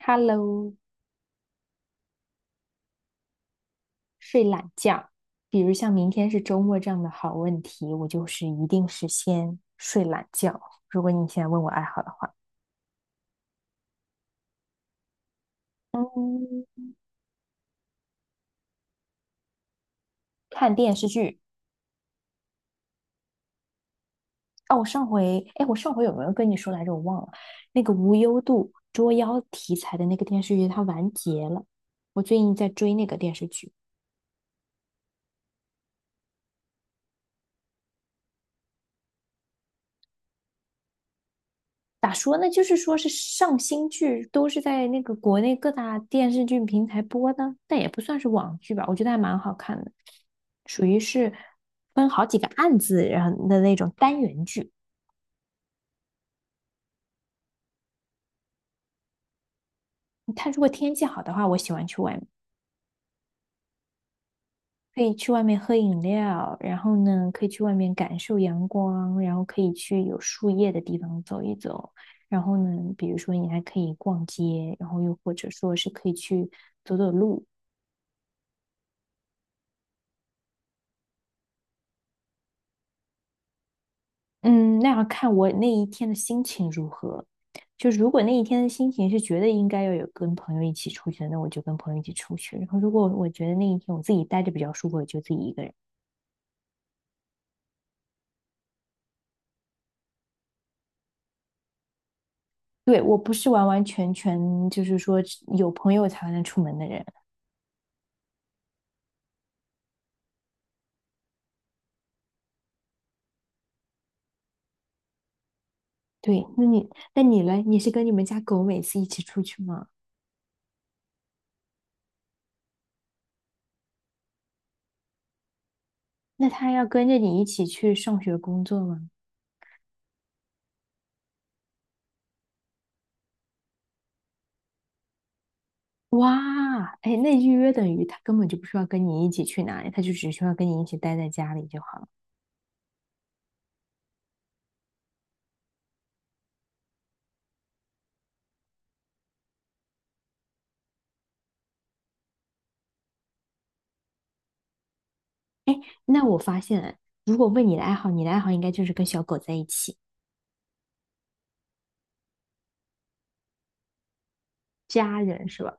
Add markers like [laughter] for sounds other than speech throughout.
Hello，睡懒觉，比如像明天是周末这样的好问题，我就是一定是先睡懒觉。如果你现在问我爱好的话，嗯，看电视剧。哦，我上回有没有跟你说来着？我忘了。那个无忧渡捉妖题材的那个电视剧，它完结了。我最近在追那个电视剧。咋说呢？就是说是上新剧都是在那个国内各大电视剧平台播的，但也不算是网剧吧，我觉得还蛮好看的，属于是分好几个案子然后的那种单元剧。它如果天气好的话，我喜欢去外面，可以去外面喝饮料，然后呢，可以去外面感受阳光，然后可以去有树叶的地方走一走，然后呢，比如说你还可以逛街，然后又或者说是可以去走走路。嗯，那要看我那一天的心情如何。就如果那一天的心情是觉得应该要有跟朋友一起出去的，那我就跟朋友一起出去。然后如果我觉得那一天我自己待着比较舒服，我就自己一个人。对，我不是完完全全就是说有朋友才能出门的人。对，那你嘞？你是跟你们家狗每次一起出去吗？那它要跟着你一起去上学工作吗？哇，哎，那预约等于它根本就不需要跟你一起去哪里，它就只需要跟你一起待在家里就好了。哎，那我发现了如果问你的爱好，你的爱好应该就是跟小狗在一起，家人是吧？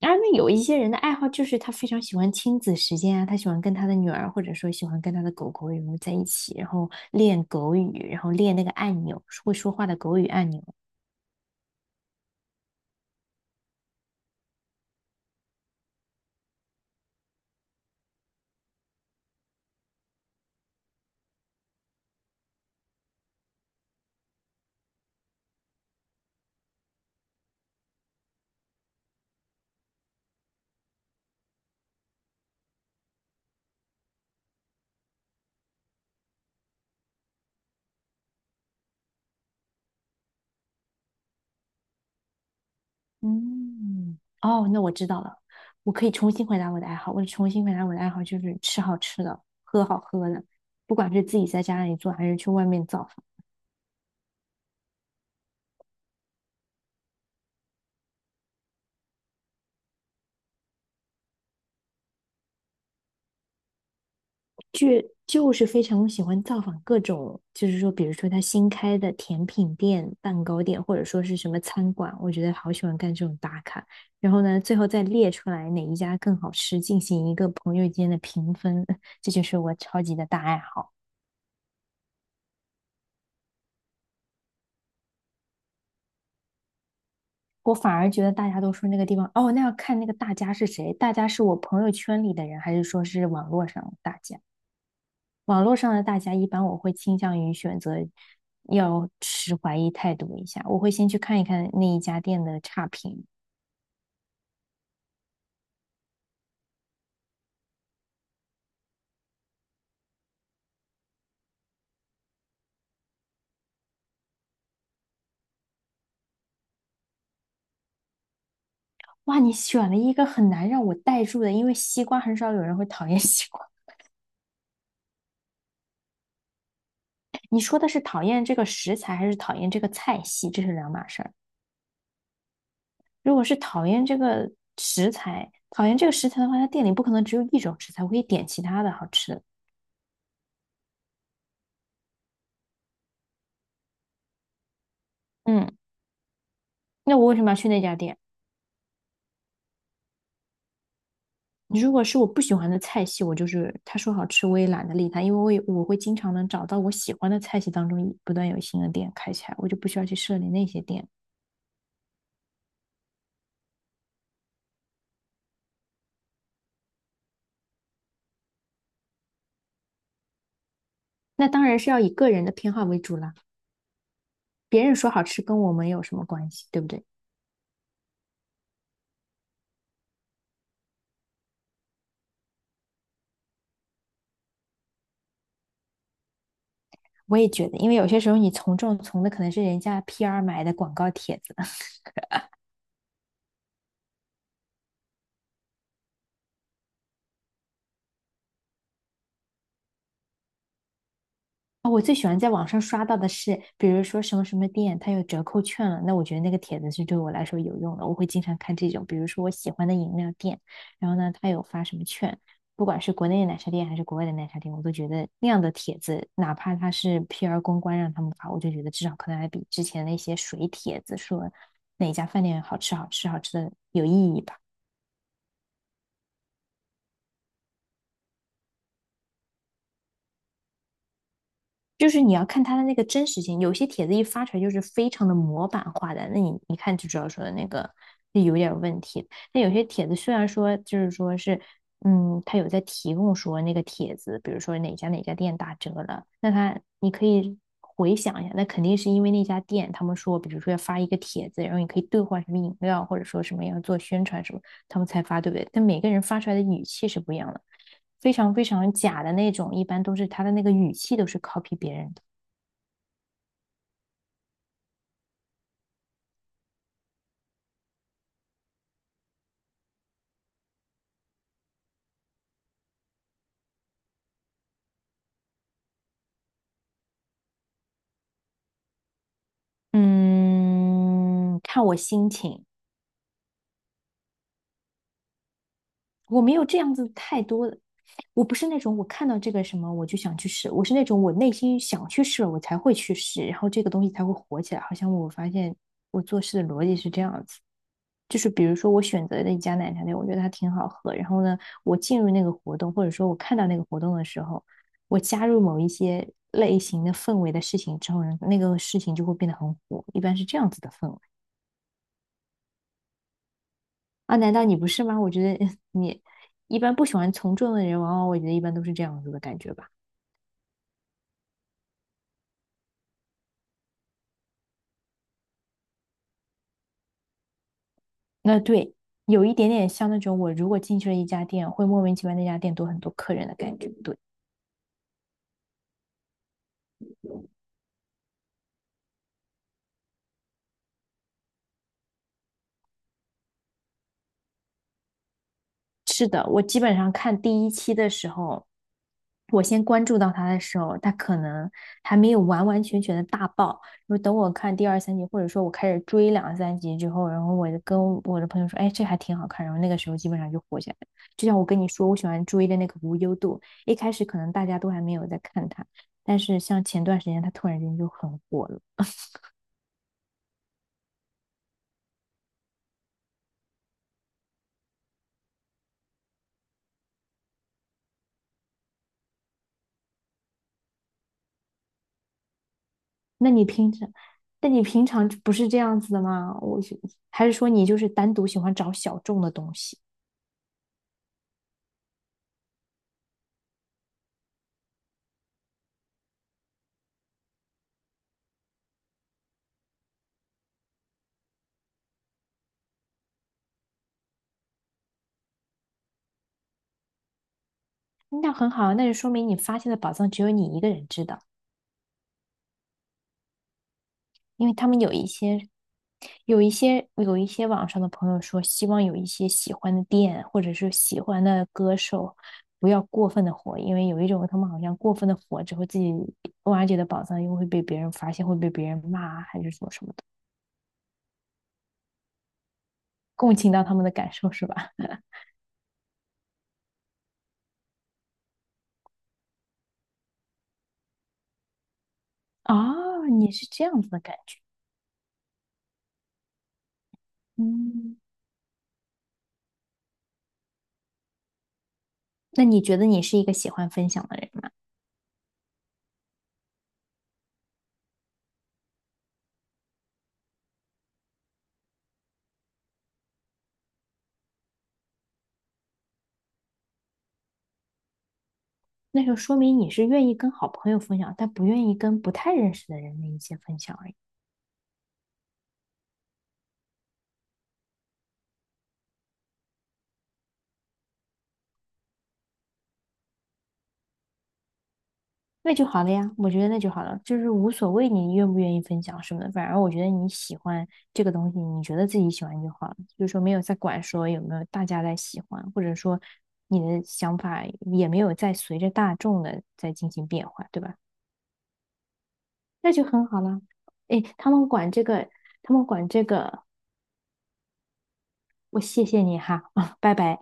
啊，那有一些人的爱好就是他非常喜欢亲子时间啊，他喜欢跟他的女儿，或者说喜欢跟他的狗狗然后在一起，然后练狗语，然后练那个按钮，会说话的狗语按钮。嗯，哦，那我知道了，我可以重新回答我的爱好。我重新回答我的爱好就是吃好吃的，喝好喝的，不管是自己在家里做还是去外面造，就就是非常喜欢造访各种，就是说，比如说他新开的甜品店、蛋糕店，或者说是什么餐馆，我觉得好喜欢干这种打卡。然后呢，最后再列出来哪一家更好吃，进行一个朋友间的评分，[laughs] 这就是我超级的大爱好。我反而觉得大家都说那个地方，哦，那要看那个大家是谁，大家是我朋友圈里的人，还是说是网络上的大家？网络上的大家，一般我会倾向于选择要持怀疑态度一下，我会先去看一看那一家店的差评。哇，你选了一个很难让我带入的，因为西瓜很少有人会讨厌 [laughs] 西瓜。你说的是讨厌这个食材，还是讨厌这个菜系？这是两码事儿。如果是讨厌这个食材，讨厌这个食材的话，他店里不可能只有一种食材，我可以点其他的好吃的。嗯，那我为什么要去那家店？如果是我不喜欢的菜系，我就是他说好吃我也懒得理他，因为我会经常能找到我喜欢的菜系当中不断有新的店开起来，我就不需要去设立那些店。那当然是要以个人的偏好为主啦，别人说好吃跟我们有什么关系，对不对？我也觉得，因为有些时候你从众从的可能是人家 PR 买的广告帖子。[laughs] 啊，我最喜欢在网上刷到的是，比如说什么什么店它有折扣券了，那我觉得那个帖子是对我来说有用的，我会经常看这种，比如说我喜欢的饮料店，然后呢，它有发什么券，不管是国内的奶茶店还是国外的奶茶店，我都觉得那样的帖子，哪怕它是 PR 公关让他们发，我就觉得至少可能还比之前那些水帖子说哪家饭店好吃好吃好吃的有意义吧。就是你要看他的那个真实性，有些帖子一发出来就是非常的模板化的，那你一看就知道说的那个那有点问题。那有些帖子虽然说就是说是，他有在提供说那个帖子，比如说哪家店打折了，那他你可以回想一下，那肯定是因为那家店他们说，比如说要发一个帖子，然后你可以兑换什么饮料，或者说什么要做宣传什么，他们才发，对不对？但每个人发出来的语气是不一样的。非常非常假的那种，一般都是他的那个语气都是 copy 别人的。嗯，看我心情，我没有这样子太多的，我不是那种我看到这个什么我就想去试，我是那种我内心想去试了我才会去试，然后这个东西才会火起来。好像我发现我做事的逻辑是这样子，就是比如说我选择的一家奶茶店，我觉得它挺好喝，然后呢，我进入那个活动或者说我看到那个活动的时候，我加入某一些类型的氛围的事情之后呢，那个事情就会变得很火，一般是这样子的氛围。啊，难道你不是吗？我觉得 [laughs] 你一般不喜欢从众的人，往往我觉得一般都是这样子的感觉吧。那对，有一点点像那种我如果进去了一家店，会莫名其妙那家店多很多客人的感觉。对。是的，我基本上看第一期的时候，我先关注到他的时候，他可能还没有完完全全的大爆。然后等我看第二三集，或者说我开始追两三集之后，然后我就跟我的朋友说：“哎，这还挺好看。”然后那个时候基本上就火起来了。就像我跟你说，我喜欢追的那个无忧渡，一开始可能大家都还没有在看它，但是像前段时间它突然间就很火了。那你平常，那你平常不是这样子的吗？我是还是说你就是单独喜欢找小众的东西？那很好啊，那就说明你发现的宝藏只有你一个人知道，因为他们有一些网上的朋友说，希望有一些喜欢的店或者是喜欢的歌手，不要过分的火，因为有一种他们好像过分的火之后，自己挖掘的宝藏又会被别人发现，会被别人骂啊，还是什么什么的，共情到他们的感受是吧？[laughs] 啊，你是这样子的感觉，嗯，那你觉得你是一个喜欢分享的人吗？那就说明你是愿意跟好朋友分享，但不愿意跟不太认识的人的一些分享而已，那就好了呀。我觉得那就好了，就是无所谓你愿不愿意分享什么的，反而我觉得你喜欢这个东西，你觉得自己喜欢就好了，就是说没有在管说有没有大家在喜欢，或者说你的想法也没有在随着大众的在进行变化，对吧？那就很好了。哎，他们管这个，我谢谢你哈，[laughs] 啊，拜拜。